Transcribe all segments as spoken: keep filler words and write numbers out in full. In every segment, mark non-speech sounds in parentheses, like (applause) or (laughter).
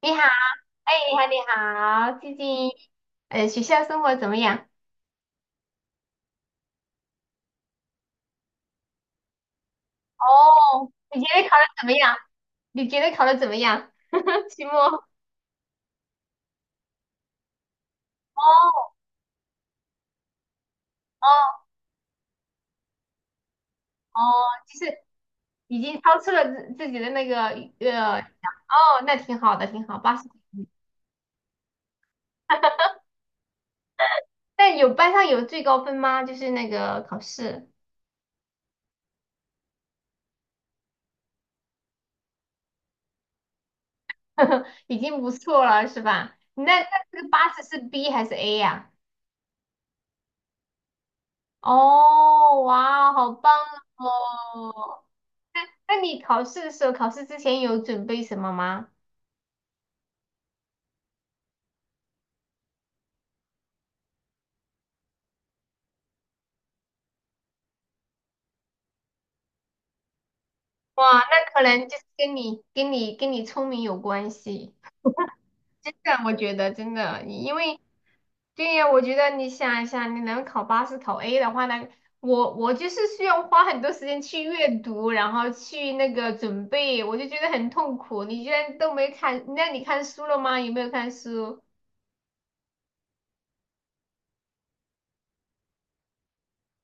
你好，哎，你好，你好，最近呃学校生活怎么样？哦，你觉得考的怎么样？你觉得考的怎么样？(laughs) 期末？哦哦哦，就是已经超出了自自己的那个呃，哦，那挺好的，挺好，八十。但有班上有最高分吗？就是那个考试，(laughs) 已经不错了，是吧？你那那这个八十是 B 还是 A 呀、哦，哇，好棒哦！那那你考试的时候，考试之前有准备什么吗？哇，那可能就是跟你、跟你、跟你聪明有关系。真的，我觉得真的，因为对呀，我觉得你想一下，你能考八十、考 A 的话呢，我我就是需要花很多时间去阅读，然后去那个准备，我就觉得很痛苦。你居然都没看，那你看书了吗？有没有看书？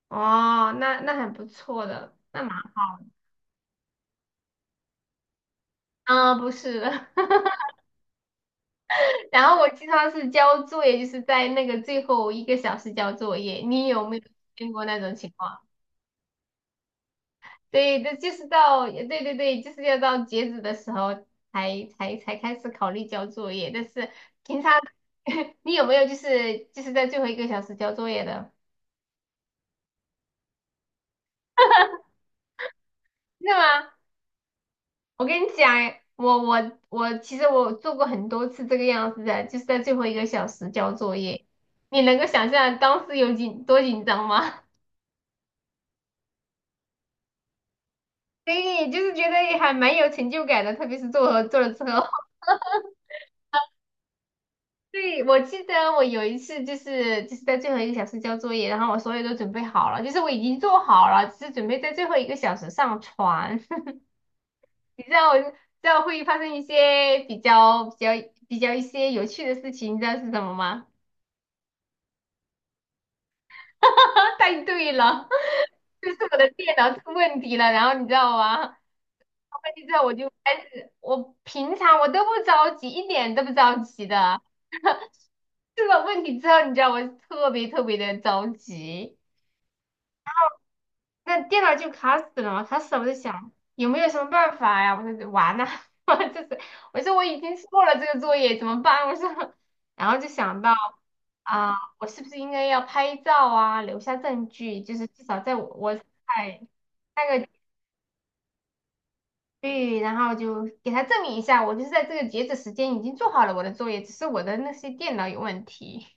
哦，那那很不错的，那蛮好。啊，不是，(laughs) 然后我经常是交作业，就是在那个最后一个小时交作业。你有没有见过那种情况？对，这就是到，对对对，就是要到截止的时候才才才开始考虑交作业。但是平常 (laughs) 你有没有就是就是在最后一个小时交作业的？真的吗？我跟你讲，我我我其实我做过很多次这个样子的，就是在最后一个小时交作业。你能够想象当时有紧多紧张吗？对，就是觉得还蛮有成就感的，特别是做了做了之后。(laughs) 对，我记得我有一次就是就是在最后一个小时交作业，然后我所有都准备好了，就是我已经做好了，只是准备在最后一个小时上传。(laughs) 你知道我知道会发生一些比较比较比较一些有趣的事情，你知道是什么吗？(laughs) 太对了，(laughs) 就是我的电脑出问题了，然后你知道吗？问题之后我就我平常我都不着急，一点都不着急的。出了问题之后，你知道我特别特别的着急，那电脑就卡死了嘛，卡死了，我在想有没有什么办法呀？我说完了，(laughs) 我这是我说我已经做了这个作业，怎么办？我说，然后就想到啊，我是不是应该要拍照啊，留下证据，就是至少在我我在那个区然后就给他证明一下，我就是在这个截止时间已经做好了我的作业，只是我的那些电脑有问题。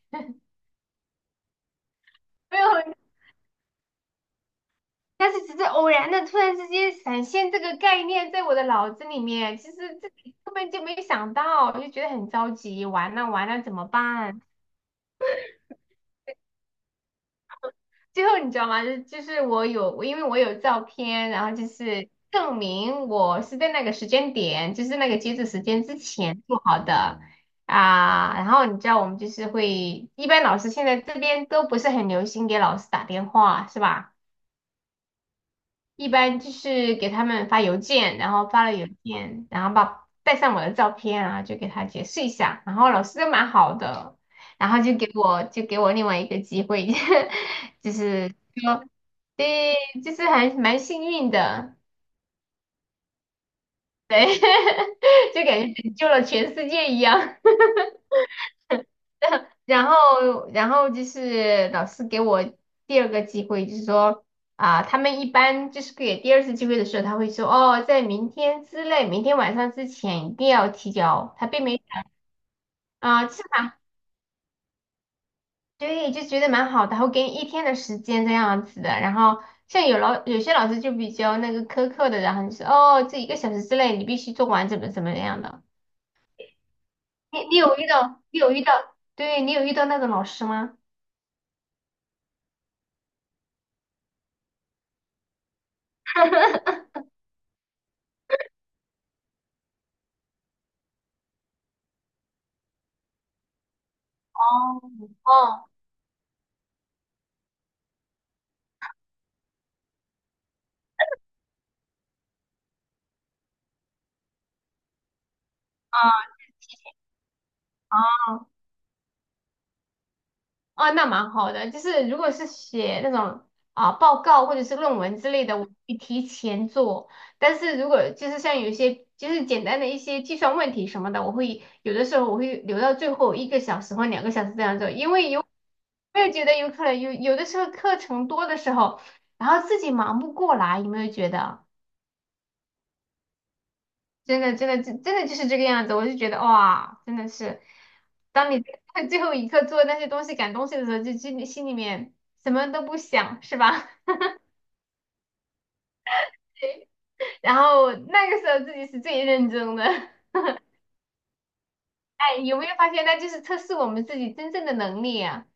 (laughs) 没有。但是只是偶然的，突然之间闪现这个概念在我的脑子里面，其实自己根本就没想到，就觉得很着急，完了完了怎么办？最后你知道吗？就就是我有，我因为我有照片，然后就是证明我是在那个时间点，就是那个截止时间之前做好的啊。然后你知道我们就是会，一般老师现在这边都不是很流行给老师打电话，是吧？一般就是给他们发邮件，然后发了邮件，然后把带上我的照片啊，然后就给他解释一下，然后老师都蛮好的，然后就给我就给我另外一个机会，(laughs) 就是说，对，就是还蛮幸运的，对，(laughs) 就感觉拯救了全世界一样。然后，然后就是老师给我第二个机会，就是说啊，他们一般就是给第二次机会的时候，他会说哦，在明天之内，明天晚上之前一定要提交。他并没啊，是吧对，就觉得蛮好的，他会给你一天的时间这样子的。然后像有老有些老师就比较那个苛刻的，然后就是哦，这一个小时之内你必须做完，怎么怎么样的。你你有遇到你有遇到，对，你有遇到那种老师吗？哦，哦，那蛮好的。就是如果是写那种啊报告或者是论文之类的，我会提前做。但是如果就是像有一些就是简单的一些计算问题什么的，我会有的时候我会留到最后一个小时或两个小时这样做，因为有我也觉得有可能有有的时候课程多的时候，然后自己忙不过来，有没有觉得？真的，真的，真真的就是这个样子。我就觉得哇，真的是，当你在 (laughs) 最后一刻做那些东西、赶东西的时候，就心里心里面什么都不想，是吧？(laughs) 然后那个时候自己是最认真的。(laughs) 哎，有没有发现，那就是测试我们自己真正的能力啊？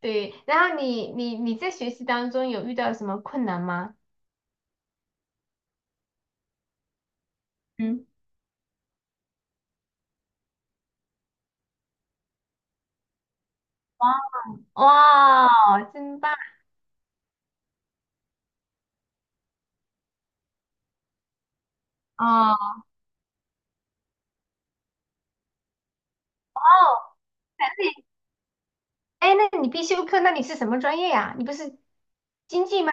对。然后你你你在学习当中有遇到什么困难吗？嗯，哇，哇，真棒！哦哦，哎，那你必修课，那你是什么专业呀？你不是经济？吗？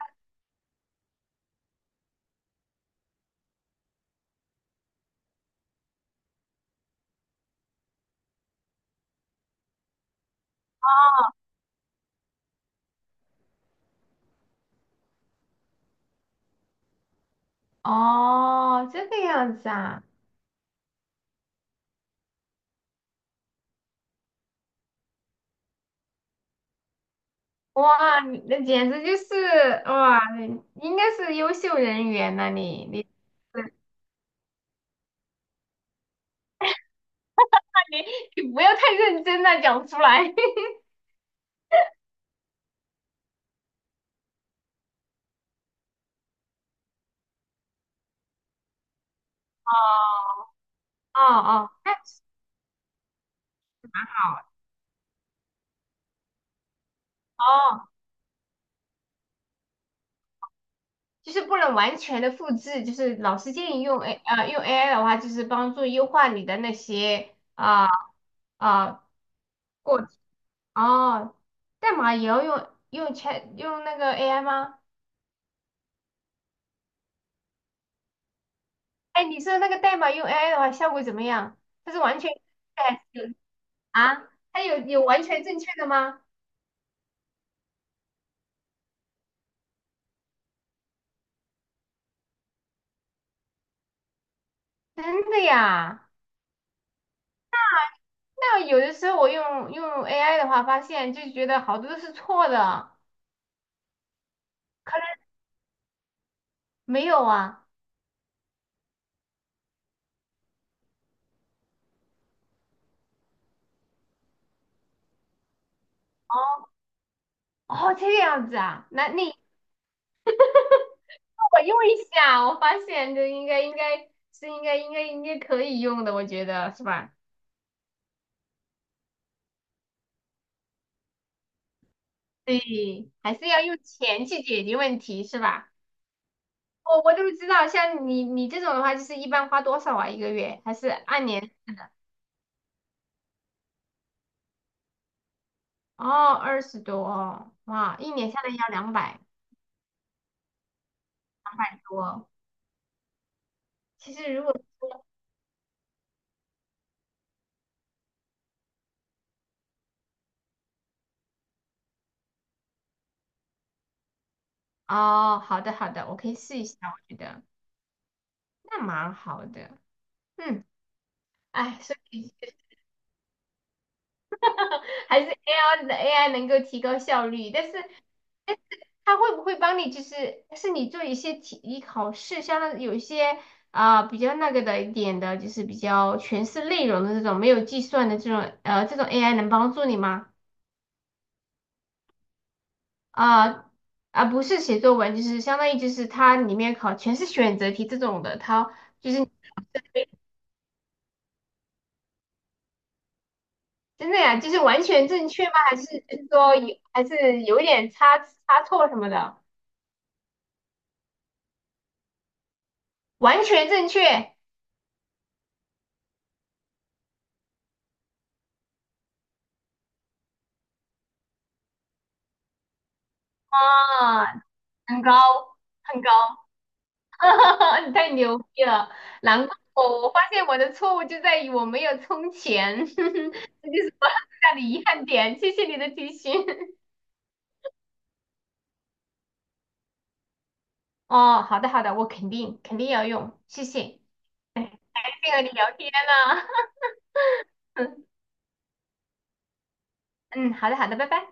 哦，这个样子啊，哇，你那简直就是哇，你应该是优秀人员呐、你你，那你你不要太认真了，讲出来。(laughs) 哦哦，哦，太好了哦，就是不能完全的复制，就是老师建议用 A 呃用 A I 的话，就是帮助优化你的那些啊啊、过程哦，代码也要用用 c 用那个 A I 吗？哎，你说那个代码用 A I 的话，效果怎么样？它是完全哎有啊？它有有完全正确的吗？真的呀？那有的时候我用用 A I 的话，发现就觉得好多都是错的，可能没有啊。哦哦，这个样子啊？那你让我用一下，我发现这应该应该是应该应该应该可以用的，我觉得是吧？对，还是要用钱去解决问题，是吧？我我都不知道，像你你这种的话，就是一般花多少啊？一个月还是按年？哦，二十多哦，哇，一年下来要两百多。其实如果哦，好的好的，我可以试一下，我觉得那蛮好的。嗯，哎，所以 (laughs) 还是 A I 的 A I 能够提高效率，但是他会不会帮你？就是是你做一些题、考试，相当于有一些啊、比较那个的一点的，就是比较全是内容的这种，没有计算的这种，呃，这种 A I 能帮助你吗？啊、啊，不是写作文，就是相当于就是它里面考全是选择题这种的，它就是真的呀，就是完全正确吗？还是就是说有还是有点差差错什么的？完全正确啊，很高很高。(laughs) 你太牛逼了！难怪我，我发现我的错误就在于我没有充钱，(laughs) 这就是我最大的遗憾点。谢谢你的提醒。(laughs) 哦，好的好的，我肯定肯定要用，谢谢。哎，感谢和你聊天呢、(laughs) 嗯，好的好的，拜拜。